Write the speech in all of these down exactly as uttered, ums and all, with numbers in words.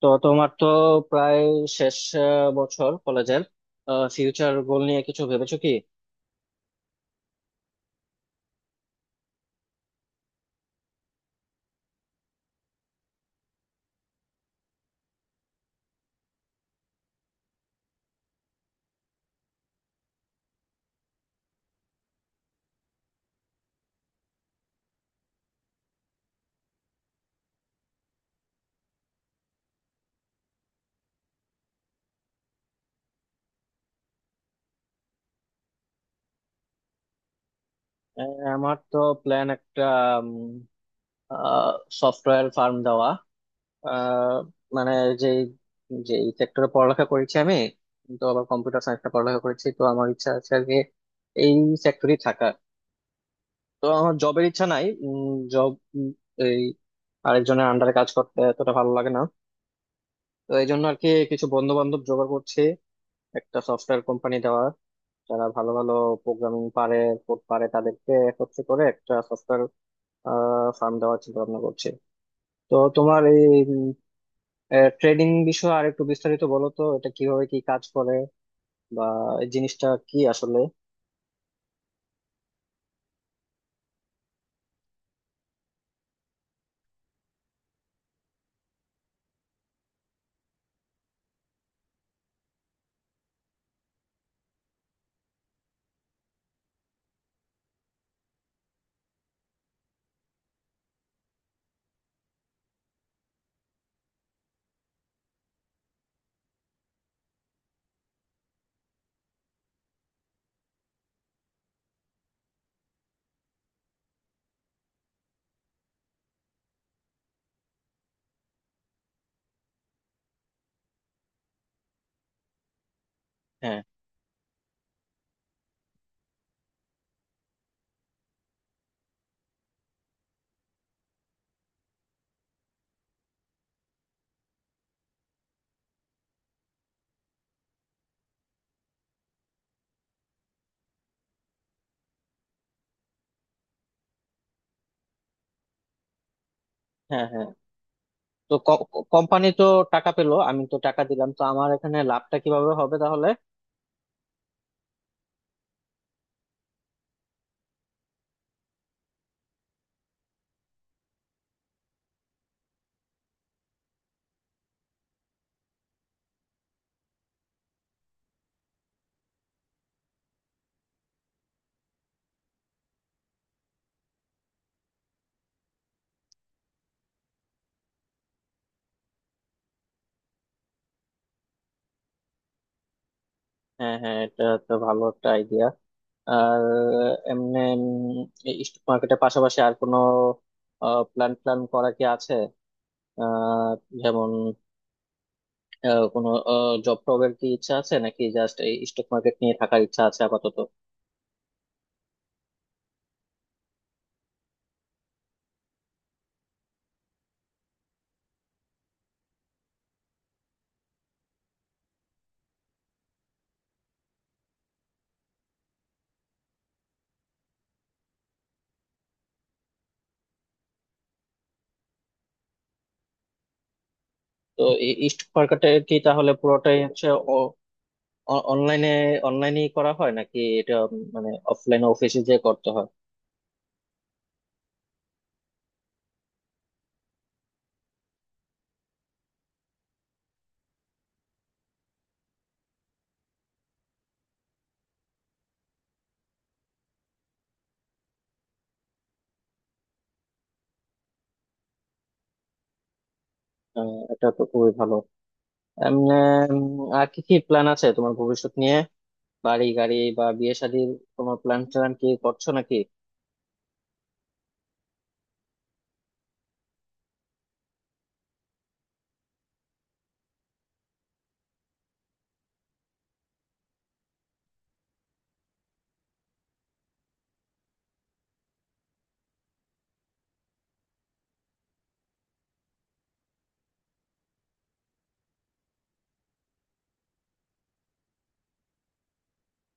তো তোমার তো প্রায় শেষ আহ, বছর কলেজের ফিউচার গোল নিয়ে কিছু ভেবেছো কি? আহ, আমার তো প্ল্যান একটা সফটওয়্যার ফার্ম দেওয়া। আহ, মানে যে যে সেক্টরে পড়ালেখা করেছি আমি, তো আবার কম্পিউটার সায়েন্সে পড়ালেখা করেছি, তো আমার ইচ্ছা আছে আর কি এই সেক্টরেই থাকা। তো আমার জবের ইচ্ছা নাই, জব এই আরেকজনের আন্ডারে কাজ করতে এতটা ভালো লাগে না। তো এই জন্য আর কি কিছু বন্ধু বান্ধব জোগাড় করছি, একটা সফটওয়্যার কোম্পানি দেওয়া, যারা ভালো ভালো প্রোগ্রামিং পারে, কোড পারে, তাদেরকে একত্রে করে একটা সফটওয়্যার ফার্ম দেওয়ার চিন্তা ভাবনা করছে। তো তোমার এই ট্রেডিং বিষয়ে আর একটু বিস্তারিত বলো তো, এটা কিভাবে কি কাজ করে বা এই জিনিসটা কি আসলে? হ্যাঁ, হ্যাঁ, হ্যাঁ, তো কোম্পানি তো টাকা পেলো, আমি তো টাকা দিলাম, তো আমার এখানে লাভটা কিভাবে হবে তাহলে? হ্যাঁ, হ্যাঁ, এটা তো ভালো একটা আইডিয়া। আর এমনি স্টক মার্কেটের পাশাপাশি আর কোনো প্ল্যান প্ল্যান করা কি আছে? আহ যেমন আহ, কোনো জব টবের কি ইচ্ছা আছে নাকি জাস্ট এই স্টক মার্কেট নিয়ে থাকার ইচ্ছা আছে আপাতত? তো এই স্টক মার্কেটে কি তাহলে পুরোটাই হচ্ছে অনলাইনে, অনলাইনেই করা হয় নাকি এটা উম, মানে অফলাইন অফিসে যে করতে হয়? আহ, এটা তো খুবই ভালো। এম, উম, আহ, আর কি কি প্ল্যান আছে তোমার ভবিষ্যৎ নিয়ে? বাড়ি গাড়ি বা বিয়ে শাদীর তোমার প্ল্যান ট্যান কি করছো নাকি?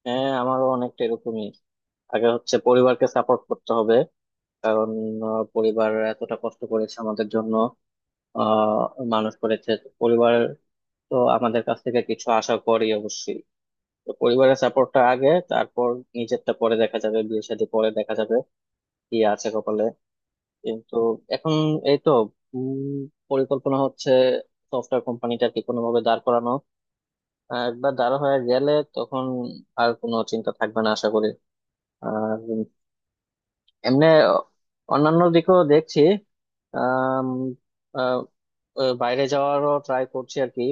হ্যাঁ, আমারও অনেকটা এরকমই। আগে হচ্ছে পরিবারকে সাপোর্ট করতে হবে, কারণ আহ, পরিবার এতটা কষ্ট করেছে আমাদের জন্য, আহ মানুষ করেছে তো পরিবার। তো আমাদের কাছ থেকে কিছু আশা করি অবশ্যই। তো পরিবারের সাপোর্টটা আগে, তারপর নিজেরটা পরে দেখা যাবে, বিয়ে শাদী পরে দেখা যাবে, কি আছে কপালে। কিন্তু এখন এই তো, উম, পরিকল্পনা হচ্ছে সফটওয়্যার কোম্পানিটাকে কোনো ভাবে দাঁড় করানো। আহ, একবার দাঁড় হয়ে গেলে তখন আর কোনো চিন্তা থাকবে না আশা করি। আর এমনি অন্যান্য দিকেও দেখছি। আম, আহ, আহ, বাইরে যাওয়ারও ট্রাই করছি আর কি,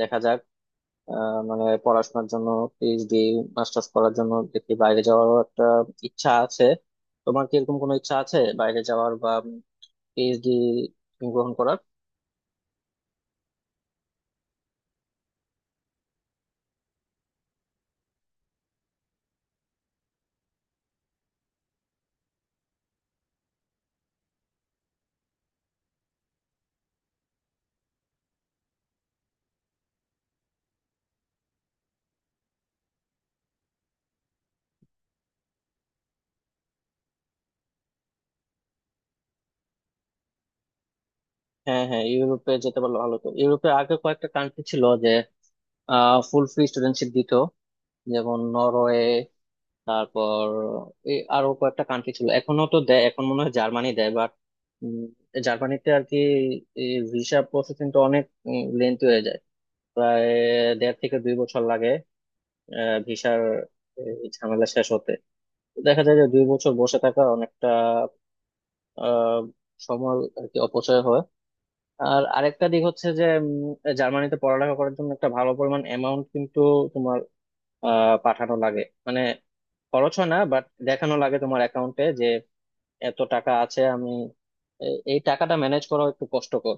দেখা যাক। আহ, মানে পড়াশোনার জন্য, পিএইচডি মাস্টার্স করার জন্য দেখি বাইরে যাওয়ারও একটা ইচ্ছা আছে। তোমার কি এরকম কোনো ইচ্ছা আছে বাইরে যাওয়ার বা পিএইচডি গ্রহণ করার? হ্যাঁ, হ্যাঁ, ইউরোপে যেতে পারলে ভালো। তো ইউরোপে আগে কয়েকটা কান্ট্রি ছিল যে ফুল ফ্রি স্টুডেন্টশিপ দিত, যেমন নরওয়ে, তারপর এই আরো কয়েকটা কান্ট্রি ছিল, এখনো তো দেয়। এখন মনে হয় জার্মানি দেয়, বাট জার্মানিতে আর কি ভিসা প্রসেসিংটা অনেক লেন্থি হয়ে যায়, প্রায় দেড় থেকে দুই বছর লাগে ভিসার ঝামেলা শেষ হতে। দেখা যায় যে দুই বছর বসে থাকা অনেকটা আহ, সময় আর কি অপচয় হয়। আর আরেকটা দিক হচ্ছে যে উম, জার্মানিতে পড়ালেখা করার জন্য একটা ভালো পরিমাণ অ্যামাউন্ট কিন্তু আহ পাঠানো লাগে। মানে খরচ হয় না বাট দেখানো লাগে তোমার অ্যাকাউন্টে যে এত টাকা আছে আমি। এ- এই টাকাটা ম্যানেজ করা একটু কষ্টকর।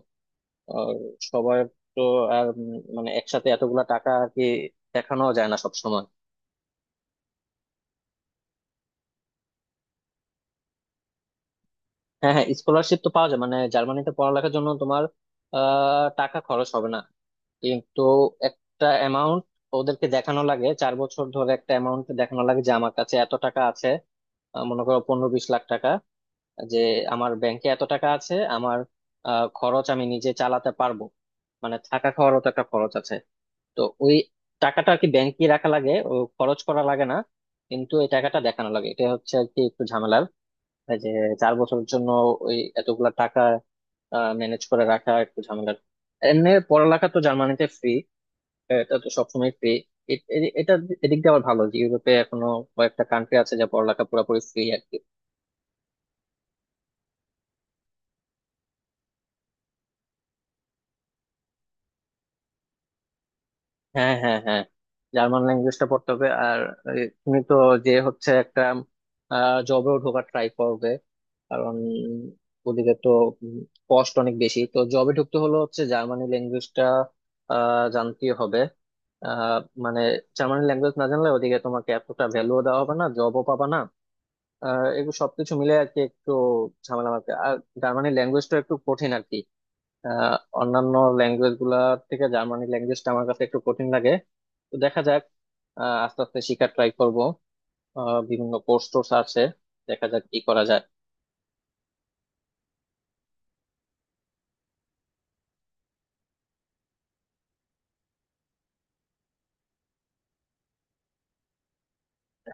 আর সবার তো, আর উম মানে একসাথে এতগুলা টাকা আর কি দেখানো যায় না সব সময়। হ্যাঁ, হ্যাঁ, স্কলারশিপ তো পাওয়া যায়, মানে জার্মানিতে পড়ালেখার জন্য তোমার আহ টাকা খরচ হবে না, কিন্তু একটা অ্যামাউন্ট ওদেরকে দেখানো লাগে। চার বছর ধরে একটা অ্যামাউন্ট দেখানো লাগে যে আমার কাছে এত টাকা আছে, আহ মনে করো পনেরো বিশ লাখ টাকা, যে আমার ব্যাংকে এত টাকা আছে, আমার আহ, খরচ আমি নিজে চালাতে পারবো। মানে থাকা খাওয়ারও তো একটা খরচ আছে। তো ওই টাকাটা আর কি ব্যাংকে রাখা লাগে, ও খরচ করা লাগে না, কিন্তু এই টাকাটা দেখানো লাগে, এটা হচ্ছে আর কি একটু ঝামেলার। এই যে চার বছরের জন্য ওই এতগুলা টাকা ম্যানেজ করে রাখা একটু ঝামেলার। এমনি পড়ালেখা তো জার্মানিতে ফ্রি, এটা তো সবসময় ফ্রি। এটা এদিক দিয়ে আবার ভালো যে ইউরোপে এখনো কয়েকটা কান্ট্রি আছে যা পড়ালেখা পুরোপুরি ফ্রি। হ্যাঁ, হ্যাঁ, হ্যাঁ, জার্মান ল্যাঙ্গুয়েজটা পড়তে হবে। আর এ, তুমি তো যে হচ্ছে একটা জবেও ঢোকার ট্রাই করবে, কারণ ওদিকে তো কস্ট অনেক বেশি, তো জবে ঢুকতে হলে হচ্ছে জার্মানি ল্যাঙ্গুয়েজটা জানতেই হবে। আহ, মানে জার্মানি ল্যাঙ্গুয়েজ না জানলে ওদিকে তোমাকে এতটা ভ্যালুও দেওয়া হবে না, জবও পাবা না। আহ, এগুলো সবকিছু মিলে আর কি একটু ঝামেলা আমাকে, আর জার্মানি ল্যাঙ্গুয়েজটা একটু কঠিন আর কি। আহ, অন্যান্য ল্যাঙ্গুয়েজ গুলা থেকে জার্মানি ল্যাঙ্গুয়েজটা আমার কাছে একটু কঠিন লাগে। তো দেখা যাক, আহ, আস্তে আস্তে শিখার ট্রাই করব। আহ, বিভিন্ন কোর্স টোর্স আছে, দেখা যাক কি করা যায়।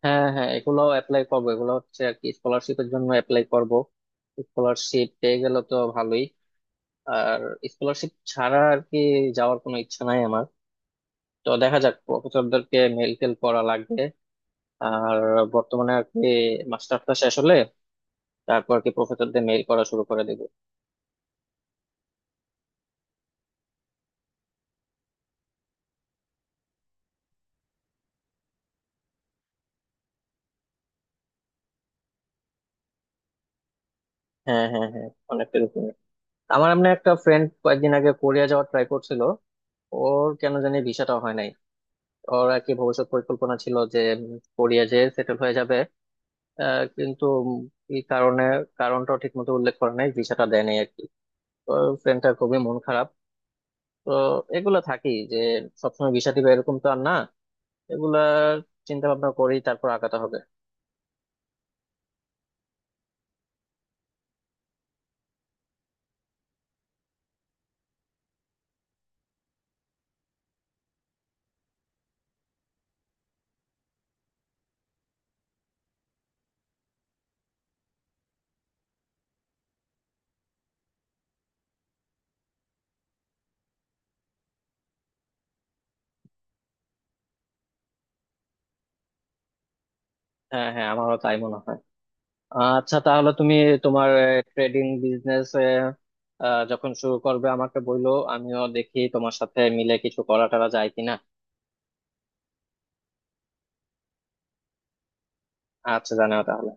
হ্যাঁ, হ্যাঁ, এগুলো অ্যাপ্লাই করবো, এগুলো হচ্ছে আর কি স্কলারশিপের জন্য অ্যাপ্লাই করব। স্কলারশিপ পেয়ে গেল তো ভালোই, আর স্কলারশিপ ছাড়া আর কি যাওয়ার কোনো ইচ্ছা নাই আমার। তো দেখা যাক, প্রফেসরদেরকে মেল টেল করা লাগবে। আর বর্তমানে আর কি মাস্টার্সটা শেষ হলে তারপর আর কি প্রফেসরদের মেইল করা শুরু করে দেব। হ্যাঁ, হ্যাঁ, হ্যাঁ, অনেকটা এরকম। আমার এমনি একটা ফ্রেন্ড কয়েকদিন আগে কোরিয়া যাওয়ার ট্রাই করছিল, ওর কেন জানি ভিসাটা হয় নাই। ওর আর কি ভবিষ্যৎ পরিকল্পনা ছিল যে উম, কোরিয়া যে সেটেল হয়ে যাবে। আহ, কিন্তু উম, এই কারণে, কারণটাও ঠিক মতো উল্লেখ করে নাই, ভিসাটা দেয় নাই আর কি। তো ফ্রেন্ডটা খুবই মন খারাপ। তো এগুলা থাকি যে সবসময় ভিসা দিবে এরকম তো আর না, এগুলা চিন্তা ভাবনা করেই তারপর আগাতে হবে। হ্যাঁ, হ্যাঁ, আমারও তাই মনে হয়। আচ্ছা, তাহলে তুমি তোমার ট্রেডিং বিজনেস যখন শুরু করবে আমাকে বললো, আমিও দেখি তোমার সাথে মিলে কিছু করা টরা যায় কিনা। আচ্ছা, জানাও তাহলে।